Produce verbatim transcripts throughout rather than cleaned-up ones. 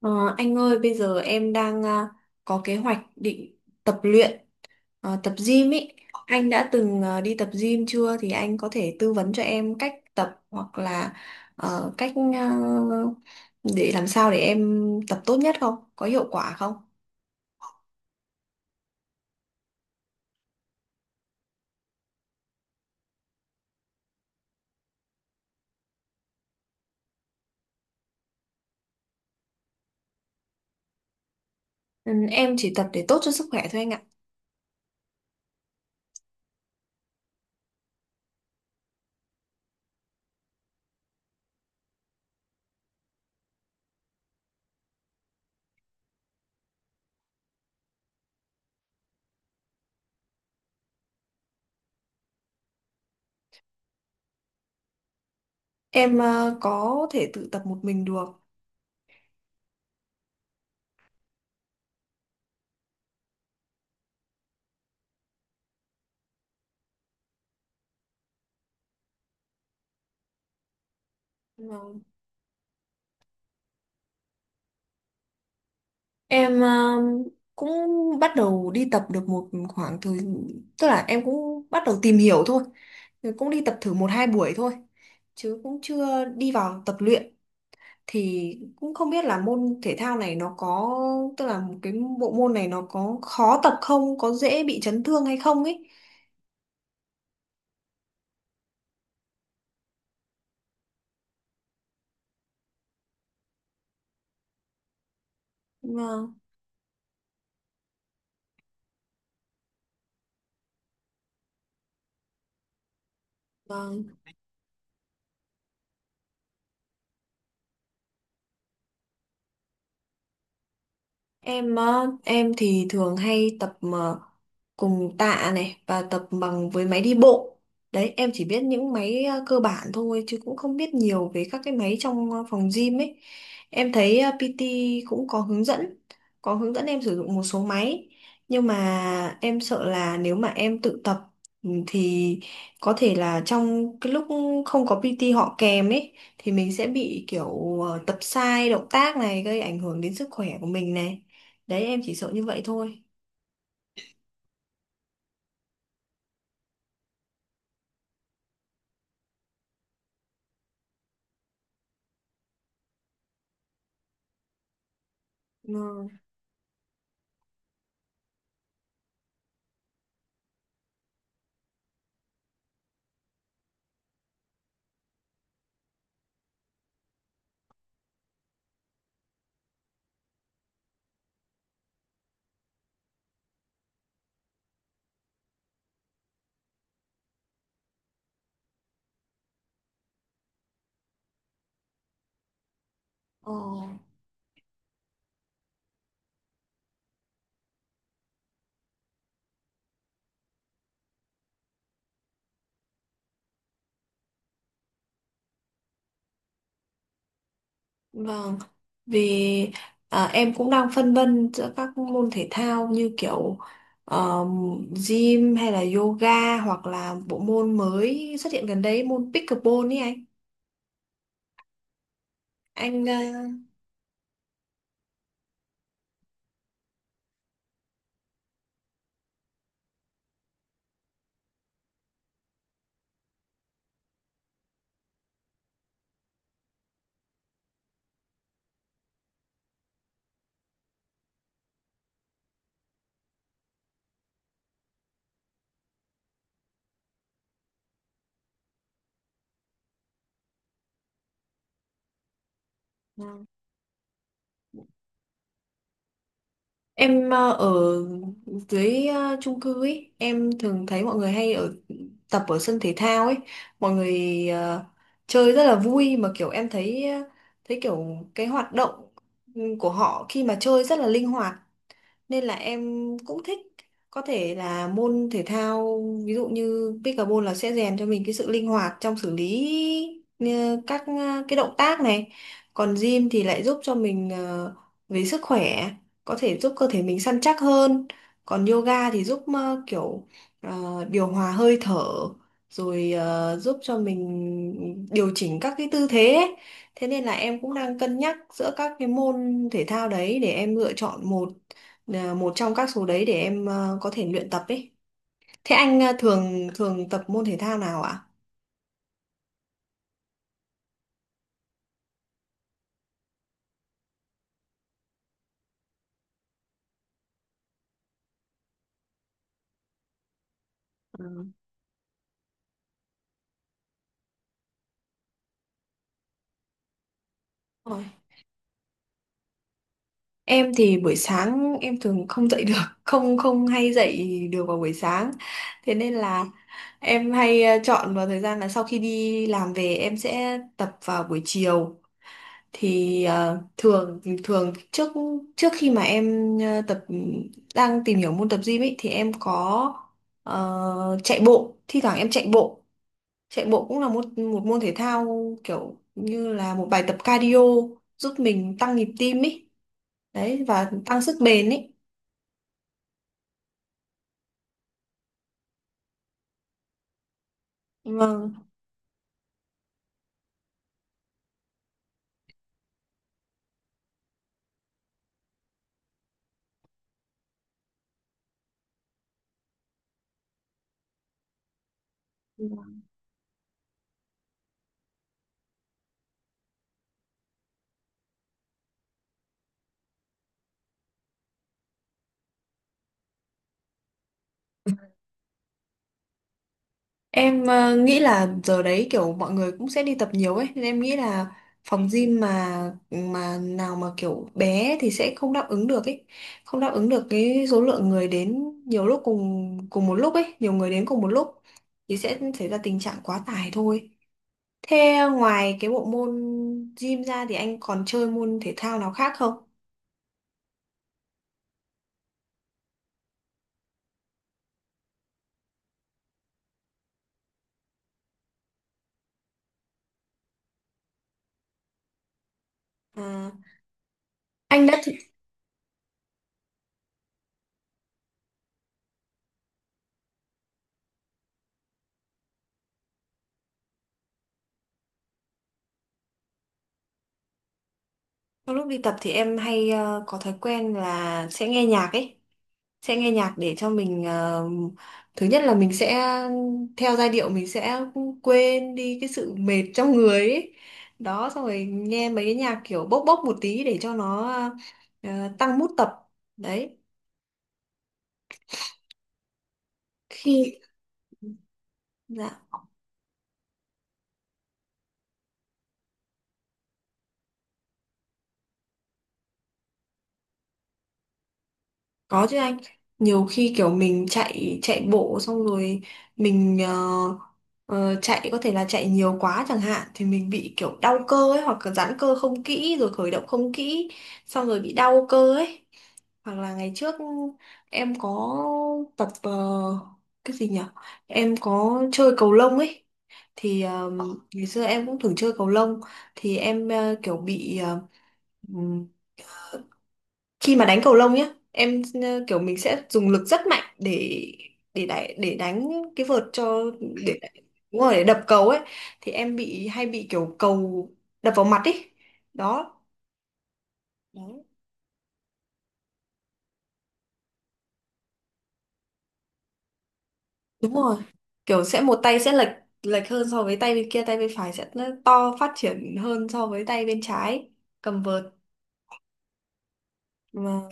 Ờ, anh ơi, bây giờ em đang à, có kế hoạch định tập luyện, ờ, tập gym ý. Anh đã từng ờ, đi tập gym chưa? Thì anh có thể tư vấn cho em cách tập hoặc là ờ, cách, ờ, để làm sao để em tập tốt nhất không? Có hiệu quả không? Ừ, em chỉ tập để tốt cho sức khỏe thôi anh ạ. Em ờ, có thể tự tập một mình được. Em um, cũng bắt đầu đi tập được một khoảng thời, tức là em cũng bắt đầu tìm hiểu thôi. Rồi cũng đi tập thử một hai buổi thôi chứ cũng chưa đi vào tập luyện, thì cũng không biết là môn thể thao này nó có, tức là một cái bộ môn này nó có khó tập không, có dễ bị chấn thương hay không ấy. Vâng, vâng. Em á, em thì thường hay tập ờ, cùng tạ này và tập bằng với máy đi bộ. Đấy, em chỉ biết những máy ờ, cơ bản thôi chứ cũng không biết nhiều về các cái máy trong ờ, phòng gym ấy. Em thấy ờ, pê tê cũng có hướng dẫn, có hướng dẫn em sử dụng một số máy. Nhưng mà em sợ là nếu mà em tự tập, ừ, thì có thể là trong cái lúc không có pê tê họ kèm ấy, thì mình sẽ bị kiểu ờ, tập sai động tác này, gây ảnh hưởng đến sức khỏe của mình này. Đấy, em chỉ sợ như vậy thôi. Ừ. Ờ, vâng. Vì à, em cũng đang phân vân giữa các môn thể thao như kiểu ờ, gym hay là yoga hoặc là bộ môn mới xuất hiện gần đây, môn pickleball ấy anh. Anh ờ, Em ờ, ở dưới ờ, chung cư ấy, em thường thấy mọi người hay ở tập ở sân thể thao ấy, mọi người ờ, chơi rất là vui, mà kiểu em thấy ờ, thấy kiểu cái hoạt động của họ khi mà chơi rất là linh hoạt, nên là em cũng thích, có thể là môn thể thao ví dụ như pickleball là sẽ rèn cho mình cái sự linh hoạt trong xử lý ờ, các ờ, cái động tác này, còn gym thì lại giúp cho mình ờ, về sức khỏe, có thể giúp cơ thể mình săn chắc hơn, còn yoga thì giúp ờ, kiểu ờ, điều hòa hơi thở, rồi ờ, giúp cho mình điều chỉnh các cái tư thế ấy. Thế nên là em cũng đang cân nhắc giữa các cái môn thể thao đấy để em lựa chọn một, là một trong các số đấy để em ờ, có thể luyện tập ấy. Thế anh ờ, thường thường tập môn thể thao nào ạ? Ờ. Ôi. Em thì buổi sáng em thường không dậy được, không không hay dậy được vào buổi sáng. Thế nên là em hay ờ, chọn vào thời gian là sau khi đi làm về em sẽ tập vào buổi chiều. Thì ờ, thường thường trước trước khi mà em ờ, tập, đang tìm hiểu môn tập gym ấy, thì em có ờ, chạy bộ, thi thoảng em chạy bộ. Chạy bộ cũng là một một môn thể thao kiểu như là một bài tập cardio giúp mình tăng nhịp tim ấy. Đấy, và tăng sức bền ấy. Vâng. Em ờ, nghĩ là giờ đấy kiểu mọi người cũng sẽ đi tập nhiều ấy, nên em nghĩ là phòng gym mà mà nào mà kiểu bé thì sẽ không đáp ứng được ấy. Không đáp ứng được cái số lượng người đến nhiều lúc cùng cùng một lúc ấy, nhiều người đến cùng một lúc thì sẽ xảy ra tình trạng quá tải thôi. Thế ngoài cái bộ môn gym ra thì anh còn chơi môn thể thao nào khác không? À, anh đã thử- trong lúc đi tập thì em hay ờ, có thói quen là sẽ nghe nhạc ấy, sẽ nghe nhạc để cho mình, ờ, thứ nhất là mình sẽ theo giai điệu, mình sẽ quên đi cái sự mệt trong người ấy. Đó, xong rồi nghe mấy cái nhạc kiểu bốc bốc một tí để cho nó ờ, tăng mood tập. Đấy. Khi dạ. Có chứ anh, nhiều khi kiểu mình chạy chạy bộ xong rồi mình ờ, ờ, chạy, có thể là chạy nhiều quá chẳng hạn, thì mình bị kiểu đau cơ ấy, hoặc là giãn cơ không kỹ rồi khởi động không kỹ xong rồi bị đau cơ ấy. Hoặc là ngày trước em có tập ờ, cái gì nhỉ? Em có chơi cầu lông ấy thì ờ, ngày xưa em cũng thử chơi cầu lông, thì em ờ, kiểu bị, ờ, khi mà đánh cầu lông nhá, em ờ, kiểu mình sẽ dùng lực rất mạnh để để đánh để đánh cái vợt cho, để đúng rồi, để đập cầu ấy, thì em bị hay bị kiểu cầu đập vào mặt ấy đó. Đấy. Đúng rồi, kiểu sẽ một tay sẽ lệch lệch hơn so với tay bên kia, tay bên phải sẽ nó to phát triển hơn so với tay bên trái cầm vợt. Vâng,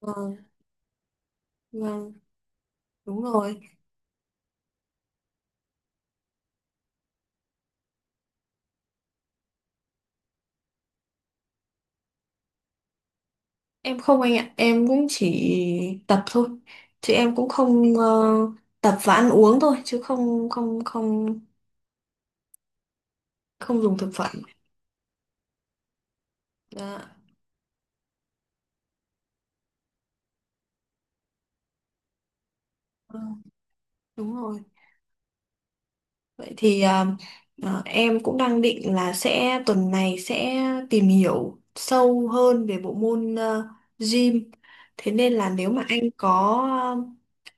vâng, vâng, đúng rồi. Em không anh ạ, em cũng chỉ tập thôi. Chứ em cũng không ờ, tập và ăn uống thôi, chứ không không không không dùng thực phẩm. Dạ. Vâng, đúng rồi. Vậy thì à, à, em cũng đang định là sẽ tuần này sẽ tìm hiểu sâu hơn về bộ môn ờ, gym. Thế nên là nếu mà anh có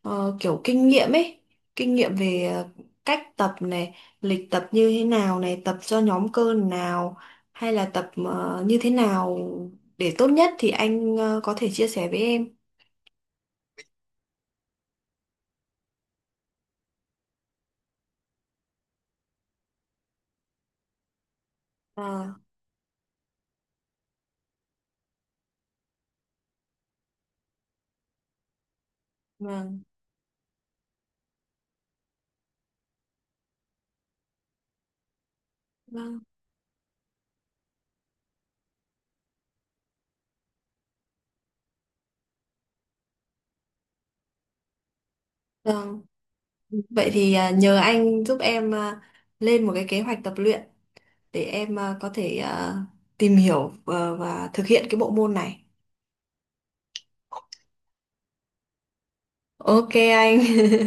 ờ, kiểu kinh nghiệm ấy, kinh nghiệm về ờ, cách tập này, lịch tập như thế nào này, tập cho nhóm cơ nào hay là tập ờ, như thế nào để tốt nhất, thì anh ờ, có thể chia sẻ với em. Vâng, vâng, vâng. Vâng. Vậy thì à, nhờ anh giúp em, à, lên một cái kế hoạch tập luyện để em, à, có thể à, tìm hiểu ờ, và thực hiện cái bộ môn này. Ok anh.